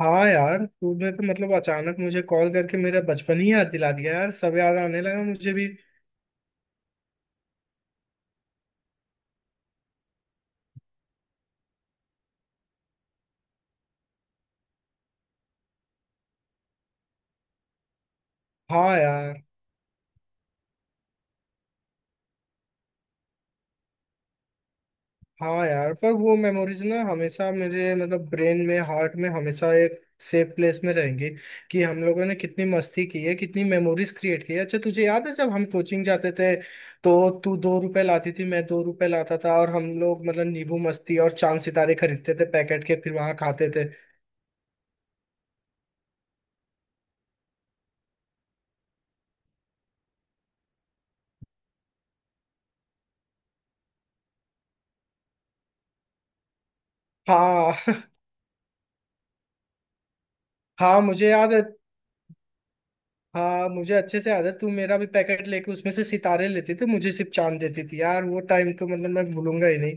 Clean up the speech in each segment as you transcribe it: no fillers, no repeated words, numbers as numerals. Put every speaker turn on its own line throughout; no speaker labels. हाँ यार, तूने तो मतलब अचानक मुझे कॉल करके मेरा बचपन ही याद दिला दिया यार। सब याद आने लगा मुझे भी। हाँ यार। हाँ यार, पर वो मेमोरीज ना हमेशा मेरे मतलब ब्रेन में, हार्ट में हमेशा एक सेफ प्लेस में रहेंगी। कि हम लोगों ने कितनी मस्ती की है, कितनी मेमोरीज क्रिएट की है। अच्छा तुझे याद है जब हम कोचिंग जाते थे तो तू दो रुपए लाती थी, मैं दो रुपए लाता था, और हम लोग मतलब नींबू मस्ती और चांद सितारे खरीदते थे पैकेट के, फिर वहां खाते थे। हाँ हाँ मुझे याद है। हाँ मुझे अच्छे से याद है, तू मेरा भी पैकेट लेके उसमें से सितारे लेती थी, मुझे सिर्फ चांद देती थी यार। वो टाइम तो मतलब मैं भूलूंगा ही नहीं।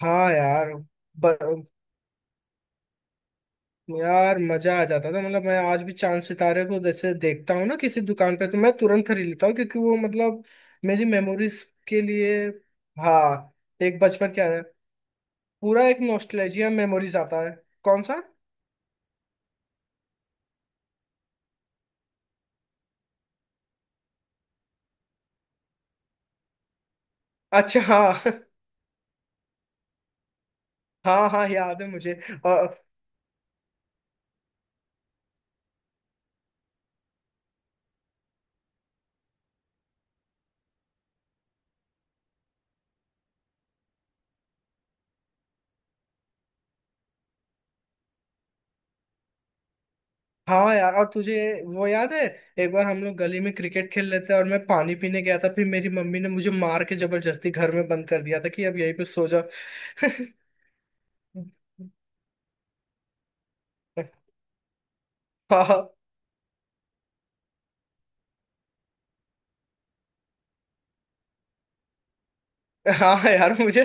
हाँ यार। ब, यार मजा आ जाता था। मतलब मैं आज भी चांद सितारे को जैसे देखता हूँ ना किसी दुकान पे, तो मैं तुरंत खरीद लेता हूँ, क्योंकि वो मतलब मेरी मेमोरीज के लिए। हाँ। एक बचपन क्या है, पूरा एक नॉस्टैल्जिया मेमोरीज आता है। कौन सा? अच्छा हाँ हाँ हाँ याद है मुझे। हाँ यार, और तुझे वो याद है, एक बार हम लोग गली में क्रिकेट खेल लेते हैं और मैं पानी पीने गया था, फिर मेरी मम्मी ने मुझे मार के जबरदस्ती घर में बंद कर दिया था कि अब यहीं पे सो जाओ। हाँ। हाँ यार मुझे।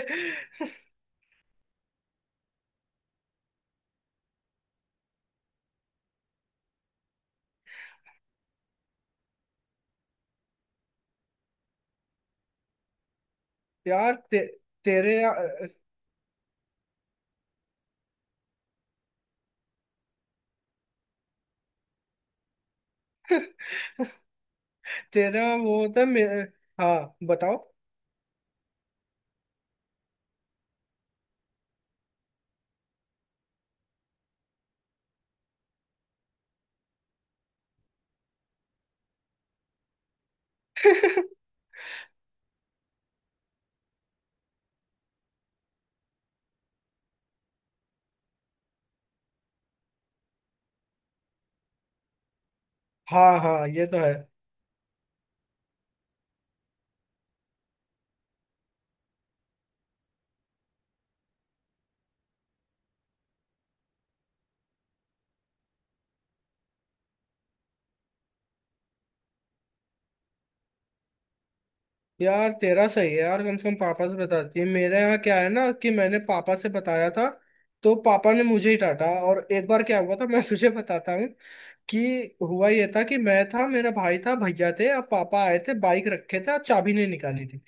यार ते, तेरे तेरा वो होता है हाँ बताओ। हाँ हाँ ये तो है। यार तेरा सही है यार, कम से कम पापा से बताती है। मेरे यहाँ क्या है ना, कि मैंने पापा से बताया था तो पापा ने मुझे ही डांटा। और एक बार क्या हुआ था मैं तुझे बताता। कि हुआ ये था कि मैं था, मेरा भाई था, भैया थे, और पापा आए थे, बाइक रखे थे और चाबी नहीं निकाली थी।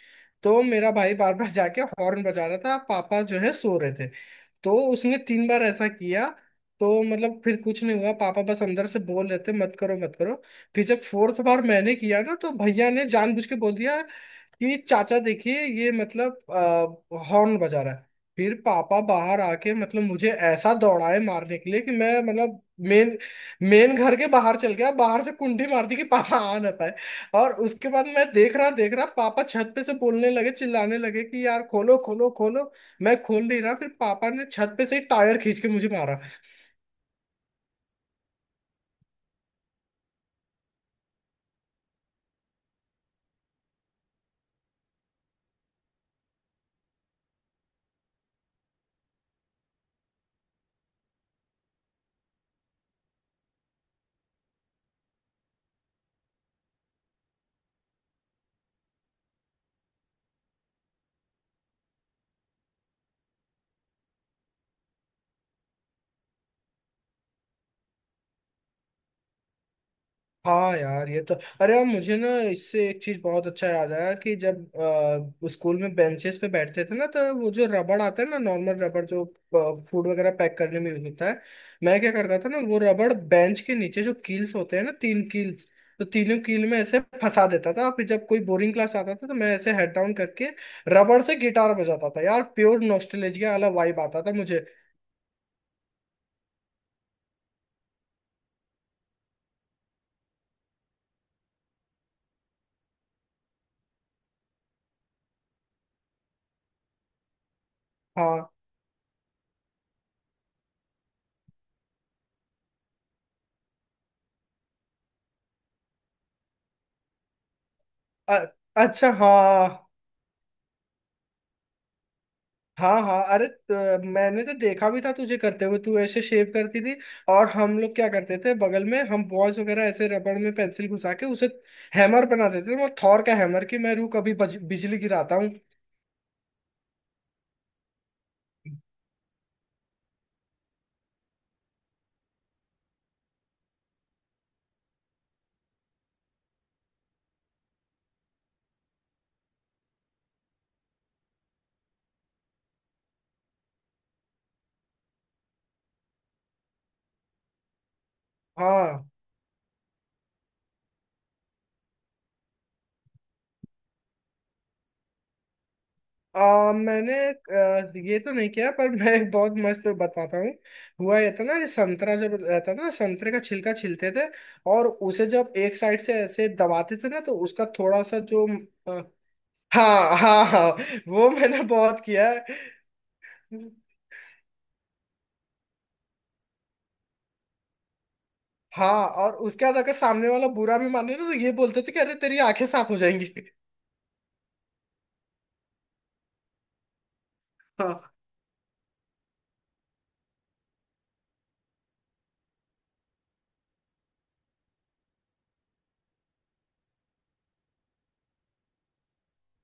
तो मेरा भाई बार बार जाके हॉर्न बजा रहा था, पापा जो है सो रहे थे। तो उसने तीन बार ऐसा किया, तो मतलब फिर कुछ नहीं हुआ, पापा बस अंदर से बोल रहे थे मत करो मत करो। फिर जब फोर्थ बार मैंने किया ना तो भैया ने जानबूझ के बोल दिया कि चाचा देखिए ये मतलब हॉर्न बजा रहा है। फिर पापा बाहर आके मतलब मुझे ऐसा दौड़ाए मारने के लिए कि मैं मतलब मेन मेन घर के बाहर चल गया, बाहर से कुंडी मार दी कि पापा आ ना पाए। और उसके बाद मैं देख रहा, पापा छत पे से बोलने लगे, चिल्लाने लगे कि यार खोलो खोलो खोलो। मैं खोल नहीं रहा, फिर पापा ने छत पे से ही टायर खींच के मुझे मारा। हाँ यार ये तो। अरे यार मुझे ना इससे एक चीज बहुत अच्छा याद आया, कि जब स्कूल में बेंचेस पे बैठते थे ना, तो वो जो रबड़ आता है ना, नॉर्मल रबड़ जो फूड वगैरह पैक करने में यूज होता है, मैं क्या करता था ना, वो रबड़ बेंच के नीचे जो कील्स होते हैं ना, तीन कील्स, तो तीनों कील में ऐसे फंसा देता था। फिर जब कोई बोरिंग क्लास आता था तो मैं ऐसे हेड डाउन करके रबड़ से गिटार बजाता था यार। प्योर नॉस्टैल्जिया वाला वाइब आता था मुझे। हाँ। अ- अच्छा हाँ। हाँ हाँ अरे मैंने तो देखा भी था तुझे करते हुए, तू ऐसे शेव करती थी। और हम लोग क्या करते थे, बगल में हम बॉयज वगैरह ऐसे रबड़ में पेंसिल घुसा के उसे हैमर बना देते थे, मतलब थॉर का हैमर, कि मैं रू कभी बिजली गिराता हूँ। हाँ। मैंने ये तो नहीं किया पर मैं एक बहुत मस्त बताता हूँ। हुआ ये था ना, ये संतरा जब रहता था ना, संतरे का छिलका छिलते थे और उसे जब एक साइड से ऐसे दबाते थे ना, तो उसका थोड़ा सा जो। आ, हाँ हाँ हाँ वो मैंने बहुत किया है। हाँ, और उसके बाद अगर सामने वाला बुरा भी माने ना तो ये बोलते थे कि अरे तेरी आंखें साफ हो जाएंगी। हाँ।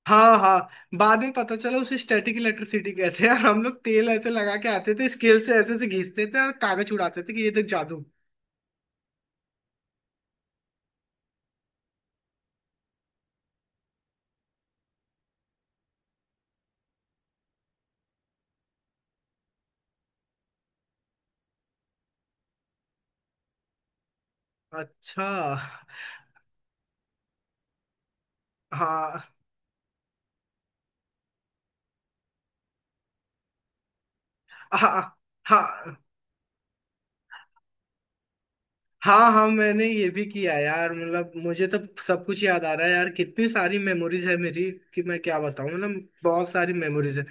हाँ हाँ बाद में पता चला उसे स्टैटिक इलेक्ट्रिसिटी कहते हैं। और हम लोग तेल ऐसे लगा के आते थे, स्केल से ऐसे से घींचते थे और कागज उड़ाते थे कि ये देख जादू। अच्छा हाँ। हाँ हाँ हाँ हाँ मैंने ये भी किया यार। मतलब मुझे तो सब कुछ याद आ रहा है यार, कितनी सारी मेमोरीज है मेरी कि मैं क्या बताऊं, मतलब बहुत सारी मेमोरीज है।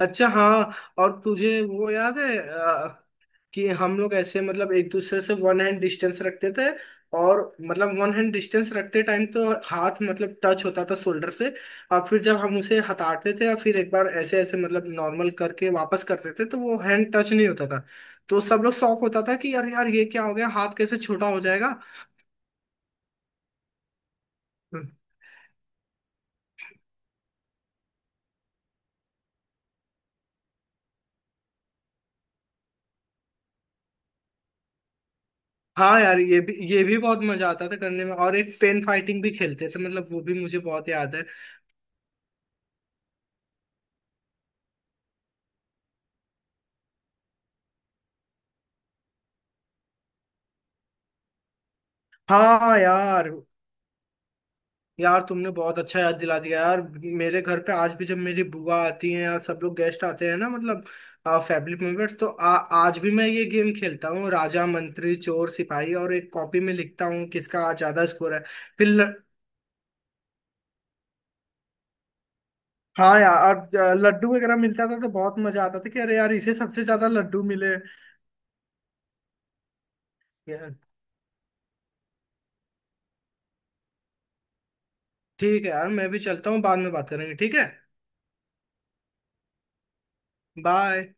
अच्छा हाँ, और तुझे वो याद है कि हम लोग ऐसे मतलब एक दूसरे से वन हैंड डिस्टेंस रखते थे, और मतलब वन हैंड डिस्टेंस रखते टाइम तो हाथ मतलब टच होता था शोल्डर से। और फिर जब हम उसे हटाते थे या फिर एक बार ऐसे ऐसे मतलब नॉर्मल करके वापस करते थे, तो वो हैंड टच नहीं होता था। तो सब लोग शॉक होता था कि यार यार ये क्या हो गया, हाथ कैसे छोटा हो जाएगा। हाँ यार, ये भी बहुत मजा आता था करने में। और एक पेन फाइटिंग भी खेलते थे, मतलब वो भी मुझे बहुत याद है। हाँ यार। यार तुमने बहुत अच्छा याद दिला दिया यार। मेरे घर पे आज भी जब मेरी बुआ आती हैं या सब लोग गेस्ट आते हैं ना, मतलब फैमिली मेंबर्स, तो आज भी मैं ये गेम खेलता हूँ, राजा मंत्री चोर सिपाही, और एक कॉपी में लिखता हूँ किसका आज ज्यादा स्कोर है। फिर ल... हाँ यार, और लड्डू वगैरह मिलता था तो बहुत मजा आता था कि अरे यार इसे सबसे ज्यादा लड्डू मिले। यार, ठीक है यार, मैं भी चलता हूँ, बाद में बात करेंगे, ठीक है। बाय।